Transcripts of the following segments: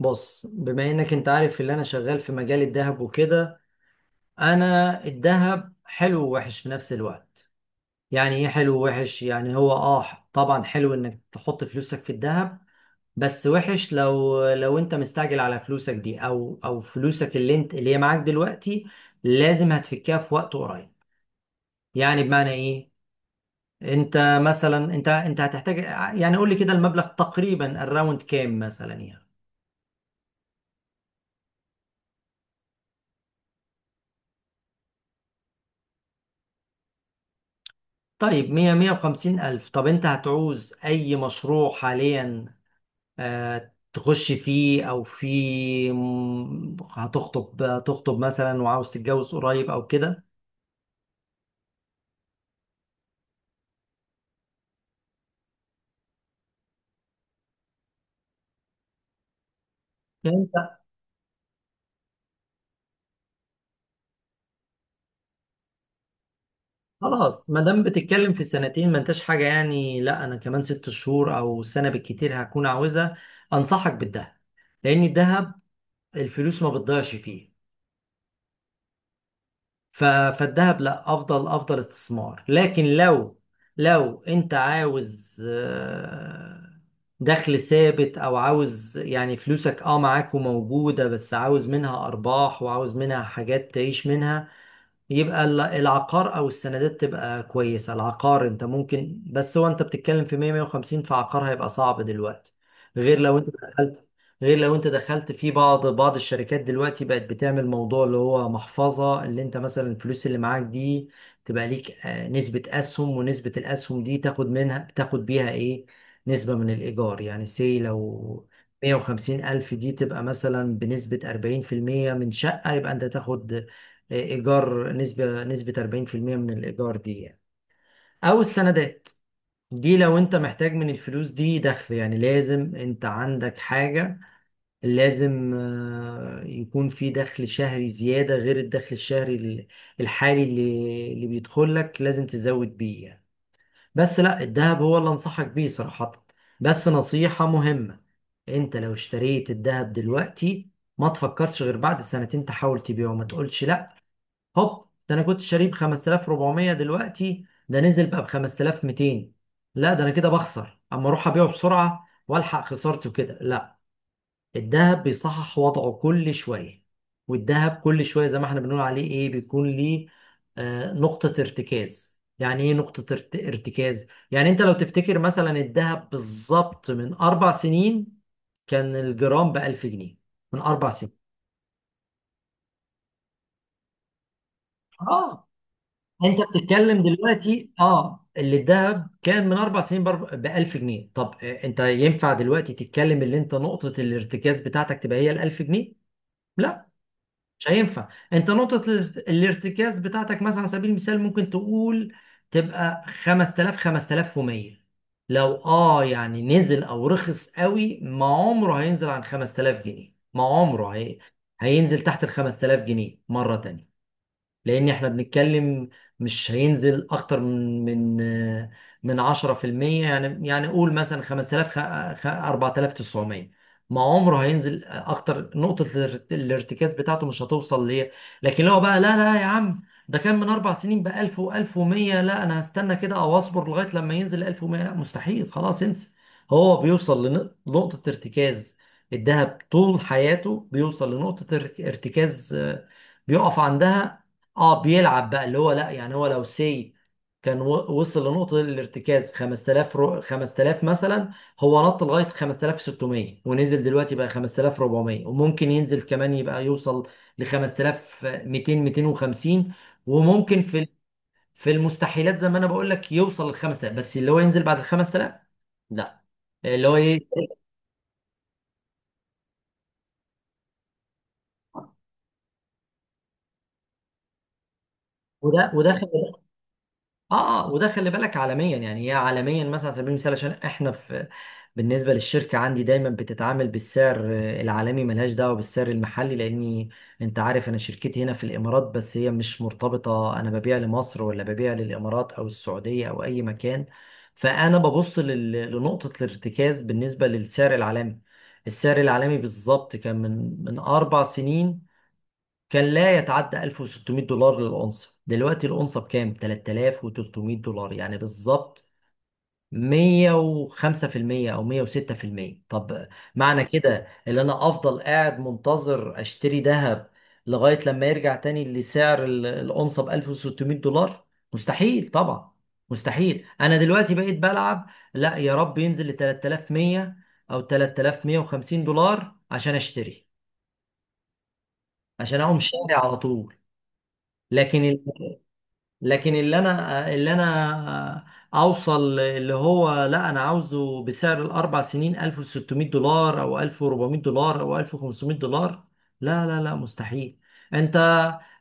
بص، بما انك انت عارف اللي انا شغال في مجال الذهب وكده. انا الذهب حلو ووحش في نفس الوقت. يعني ايه حلو ووحش؟ يعني هو اه طبعا حلو انك تحط فلوسك في الذهب، بس وحش لو انت مستعجل على فلوسك دي او فلوسك اللي انت اللي هي معاك دلوقتي، لازم هتفكها في وقت قريب. يعني بمعنى ايه؟ انت مثلا انت هتحتاج، يعني قول لي كده المبلغ تقريبا الراوند كام مثلا يعني. طيب 100 150 ألف، طب أنت هتعوز أي مشروع حاليا تخش فيه، أو في هتخطب، هتخطب مثلا وعاوز تتجوز قريب أو كده يعني أنت؟ خلاص، ما دام بتتكلم في سنتين، ما أنتش حاجة يعني، لا أنا كمان ست شهور أو سنة بالكتير هكون عاوزها. أنصحك بالذهب، لأن الذهب الفلوس ما بتضيعش فيه. فالذهب لا، افضل استثمار. لكن لو انت عاوز دخل ثابت، او عاوز يعني فلوسك اه معاك وموجودة بس عاوز منها ارباح وعاوز منها حاجات تعيش منها، يبقى العقار او السندات تبقى كويسه. العقار انت ممكن، بس هو انت بتتكلم في 100 150 فعقار هيبقى صعب دلوقتي، غير لو انت دخلت، غير لو انت دخلت في بعض الشركات دلوقتي بقت بتعمل موضوع اللي هو محفظه، اللي انت مثلا الفلوس اللي معاك دي تبقى ليك نسبه اسهم، ونسبه الاسهم دي تاخد منها تاخد بيها ايه؟ نسبه من الايجار. يعني سي لو 150 ألف دي تبقى مثلا بنسبة 40% من شقة، يبقى أنت تاخد ايجار نسبه 40% من الايجار دي يعني. او السندات دي، لو انت محتاج من الفلوس دي دخل، يعني لازم انت عندك حاجه، لازم يكون في دخل شهري زياده غير الدخل الشهري الحالي اللي بيدخل لك، لازم تزود بيه يعني. بس لا، الذهب هو اللي انصحك بيه صراحه. بس نصيحه مهمه، انت لو اشتريت الذهب دلوقتي، ما تفكرش غير بعد سنتين تحاول تبيعه. ما تقولش لا هوب، ده انا كنت شاريه ب 5400، دلوقتي ده نزل بقى ب 5200، لا ده انا كده بخسر، اما اروح ابيعه بسرعه والحق خسارته كده، لا. الذهب بيصحح وضعه كل شويه، والذهب كل شويه زي ما احنا بنقول عليه ايه، بيكون ليه نقطه ارتكاز. يعني ايه نقطه ارتكاز؟ يعني انت لو تفتكر مثلا، الذهب بالظبط من اربع سنين كان الجرام ب 1000 جنيه، من اربع سنين. اه انت بتتكلم دلوقتي اه اللي الذهب كان من اربع سنين ب 1000 جنيه، طب انت ينفع دلوقتي تتكلم اللي انت نقطة الارتكاز بتاعتك تبقى هي ال 1000 جنيه؟ لا، مش هينفع. انت نقطة الارتكاز بتاعتك مثلا على سبيل المثال ممكن تقول تبقى 5000 5100. لو اه يعني نزل او رخص قوي، ما عمره هينزل عن 5000 جنيه. ما عمره هينزل تحت ال 5000 جنيه مرة تانية، لان احنا بنتكلم مش هينزل اكتر من 10%. يعني يعني قول مثلا 5000 4900، ما عمره هينزل اكتر، نقطة الارتكاز بتاعته مش هتوصل ليه. لكن لو بقى لا لا يا عم، ده كان من اربع سنين ب 1000 و1100، لا انا هستنى كده او اصبر لغاية لما ينزل 1100، لا مستحيل، خلاص انسى. هو بيوصل لنقطة ارتكاز، الذهب طول حياته بيوصل لنقطة ارتكاز بيقف عندها. اه بيلعب بقى اللي هو لا، يعني هو لو سي كان وصل لنقطة الارتكاز 5000 5000 مثلا، هو نط لغاية 5600 ونزل دلوقتي بقى 5400، وممكن ينزل كمان يبقى يوصل ل 5200 250، وممكن في في المستحيلات زي ما انا بقول لك يوصل ل 5000، بس اللي هو ينزل بعد ال 5000، لا. اللي هو ايه، وده وده اه اه وده خلي بالك، عالميا. يعني هي عالميا مثلا على سبيل المثال، عشان احنا في، بالنسبه للشركه عندي دايما بتتعامل بالسعر العالمي، ملهاش دعوه بالسعر المحلي، لاني انت عارف انا شركتي هنا في الامارات، بس هي مش مرتبطه، انا ببيع لمصر ولا ببيع للامارات او السعوديه او اي مكان. فانا ببص لنقطه الارتكاز بالنسبه للسعر العالمي. السعر العالمي بالظبط كان من اربع سنين كان لا يتعدى 1600 دولار للأونصة، دلوقتي الأونصة بكام؟ 3300 دولار، يعني بالظبط 105% او 106%. طب معنى كده ان انا افضل قاعد منتظر اشتري ذهب لغاية لما يرجع تاني لسعر الأونصة ب 1600 دولار؟ مستحيل طبعا، مستحيل. انا دلوقتي بقيت بلعب لا يا رب ينزل ل 3100 او 3150 دولار عشان اشتري، عشان اقوم شاري على طول. لكن اللي انا اوصل اللي هو لا انا عاوزه بسعر الاربع سنين 1600 دولار او 1400 دولار او 1500 دولار، لا لا لا مستحيل. انت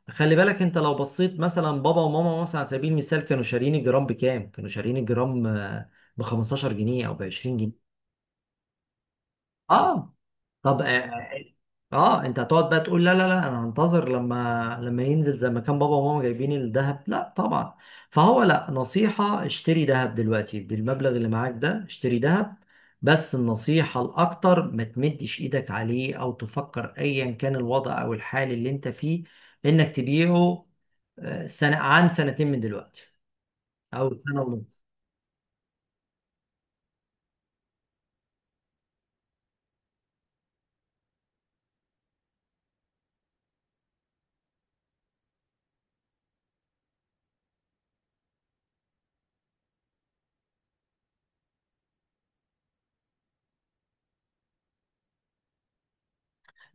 خلي بالك، انت لو بصيت مثلا بابا وماما مثلا على سبيل المثال كانوا شارين الجرام بكام، كانوا شارين الجرام ب 15 جنيه او ب 20. اه طب انت هتقعد بقى تقول لا لا لا انا هنتظر لما ينزل زي ما كان بابا وماما جايبين الذهب؟ لا طبعا. فهو لا، نصيحة اشتري ذهب دلوقتي بالمبلغ اللي معاك ده، اشتري ذهب. بس النصيحة الأكتر، ما تمدش إيدك عليه أو تفكر أيا كان الوضع أو الحال اللي أنت فيه إنك تبيعه سنة عن سنتين من دلوقتي أو سنة ونص.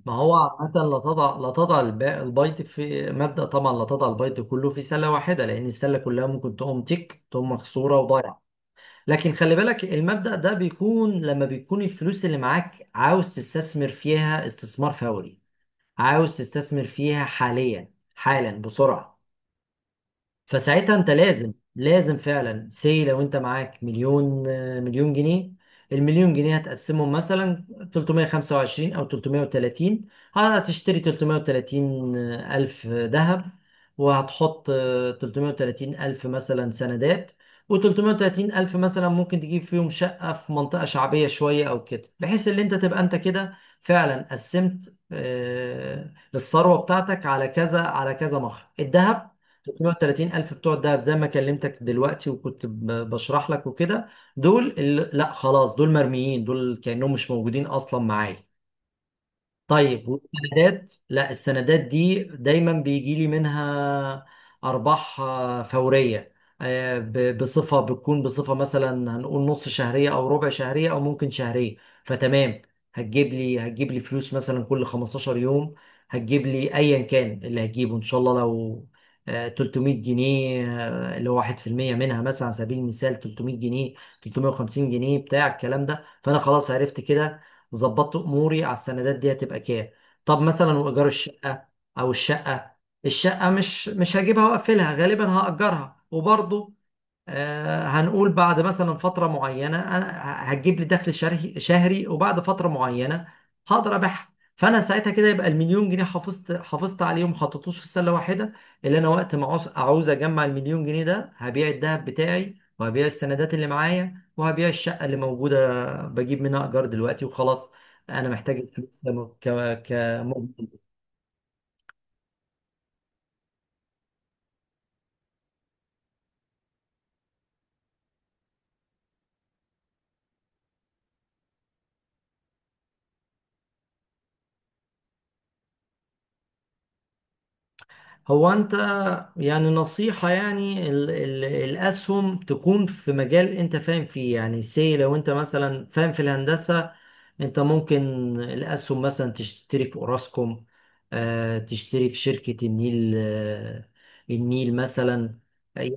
ما هو عامة، لا تضع لا تضع الب- البيض في مبدأ طبعا، لا تضع البيض كله في سلة واحدة، لأن السلة كلها ممكن تقوم مكسورة وضايعة. لكن خلي بالك، المبدأ ده بيكون لما بيكون الفلوس اللي معاك عاوز تستثمر فيها استثمار فوري، عاوز تستثمر فيها حاليا حالا بسرعة. فساعتها انت لازم، فعلا، سي لو انت معاك مليون مليون جنيه، المليون جنيه هتقسمهم مثلا 325 او 330، هتشتري 330 الف ذهب، وهتحط 330 الف مثلا سندات، و330 الف مثلا ممكن تجيب فيهم شقة في منطقة شعبية شوية او كده، بحيث ان انت تبقى انت كده فعلا قسمت الثروة بتاعتك على كذا على كذا. مخرج الذهب 330 ألف بتوع الدهب زي ما كلمتك دلوقتي وكنت بشرح لك وكده، دول اللي لا خلاص، دول مرميين، دول كأنهم مش موجودين أصلا معايا. طيب والسندات، لا السندات دي دايما بيجي لي منها ارباح فوريه، بصفه، بتكون بصفه مثلا هنقول نص شهريه او ربع شهريه او ممكن شهريه، فتمام. هتجيب لي فلوس مثلا كل 15 يوم، هتجيب لي ايا كان اللي هتجيبه ان شاء الله، لو 300 جنيه اللي هو 1% منها مثلا على سبيل المثال، 300 جنيه 350 جنيه بتاع الكلام ده، فانا خلاص عرفت كده، ظبطت اموري، على السندات دي هتبقى كام. طب مثلا وايجار الشقه، او الشقه الشقه مش هجيبها واقفلها، غالبا هاجرها. وبرضه هنقول بعد مثلا فترة معينة، أنا هتجيب لي دخل شهري، وبعد فترة معينة هقدر أبيعها. فأنا ساعتها كده يبقى المليون جنيه حافظت عليهم، ما حطيتوش في سلة واحدة. اللي أنا وقت ما عاوز أجمع المليون جنيه ده، هبيع الذهب بتاعي وهبيع السندات اللي معايا وهبيع الشقة اللي موجودة بجيب منها إيجار دلوقتي، وخلاص أنا محتاج الفلوس ده كمجمل. هو انت يعني نصيحة، يعني ال ال الأسهم تكون في مجال انت فاهم فيه. يعني سي لو انت مثلا فاهم في الهندسة، انت ممكن الأسهم مثلا تشتري في اوراسكوم تشتري في شركة النيل النيل مثلا، أي-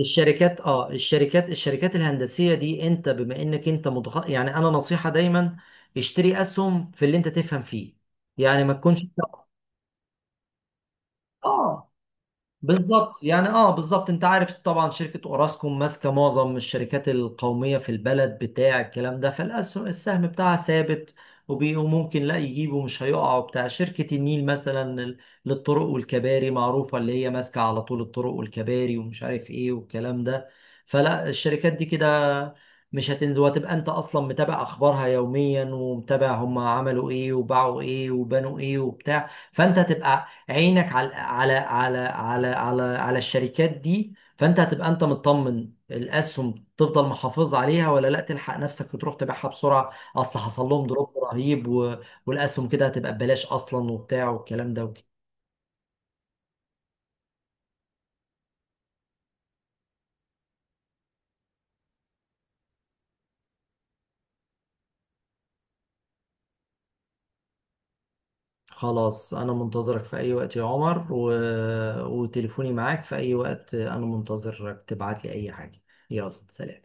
الشركات الشركات الهندسية دي، انت بما انك انت يعني انا نصيحة دايما اشتري أسهم في اللي انت تفهم فيه. يعني ما تكونش اه، بالظبط. يعني اه بالظبط، انت عارف طبعا شركة اوراسكوم ماسكة معظم الشركات القومية في البلد بتاع الكلام ده، فالسهم بتاعها ثابت، وممكن لا يجيبه، مش هيقع وبتاع. شركة النيل مثلا للطرق والكباري معروفة، اللي هي ماسكة على طول الطرق والكباري ومش عارف ايه والكلام ده. فلا، الشركات دي كده مش هتنزل، وهتبقى انت اصلا متابع اخبارها يوميا، ومتابع هم عملوا ايه وباعوا ايه وبنوا ايه وبتاع. فانت هتبقى عينك على الشركات دي، فانت هتبقى انت مطمن الاسهم تفضل محافظ عليها، ولا لا تلحق نفسك وتروح تبيعها بسرعه اصل حصل لهم دروب رهيب و... والاسهم كده هتبقى ببلاش اصلا وبتاع والكلام ده وكده. خلاص، انا منتظرك في اي وقت يا عمر و... وتليفوني معاك في اي وقت، انا منتظرك تبعت لي اي حاجه. يلا سلام.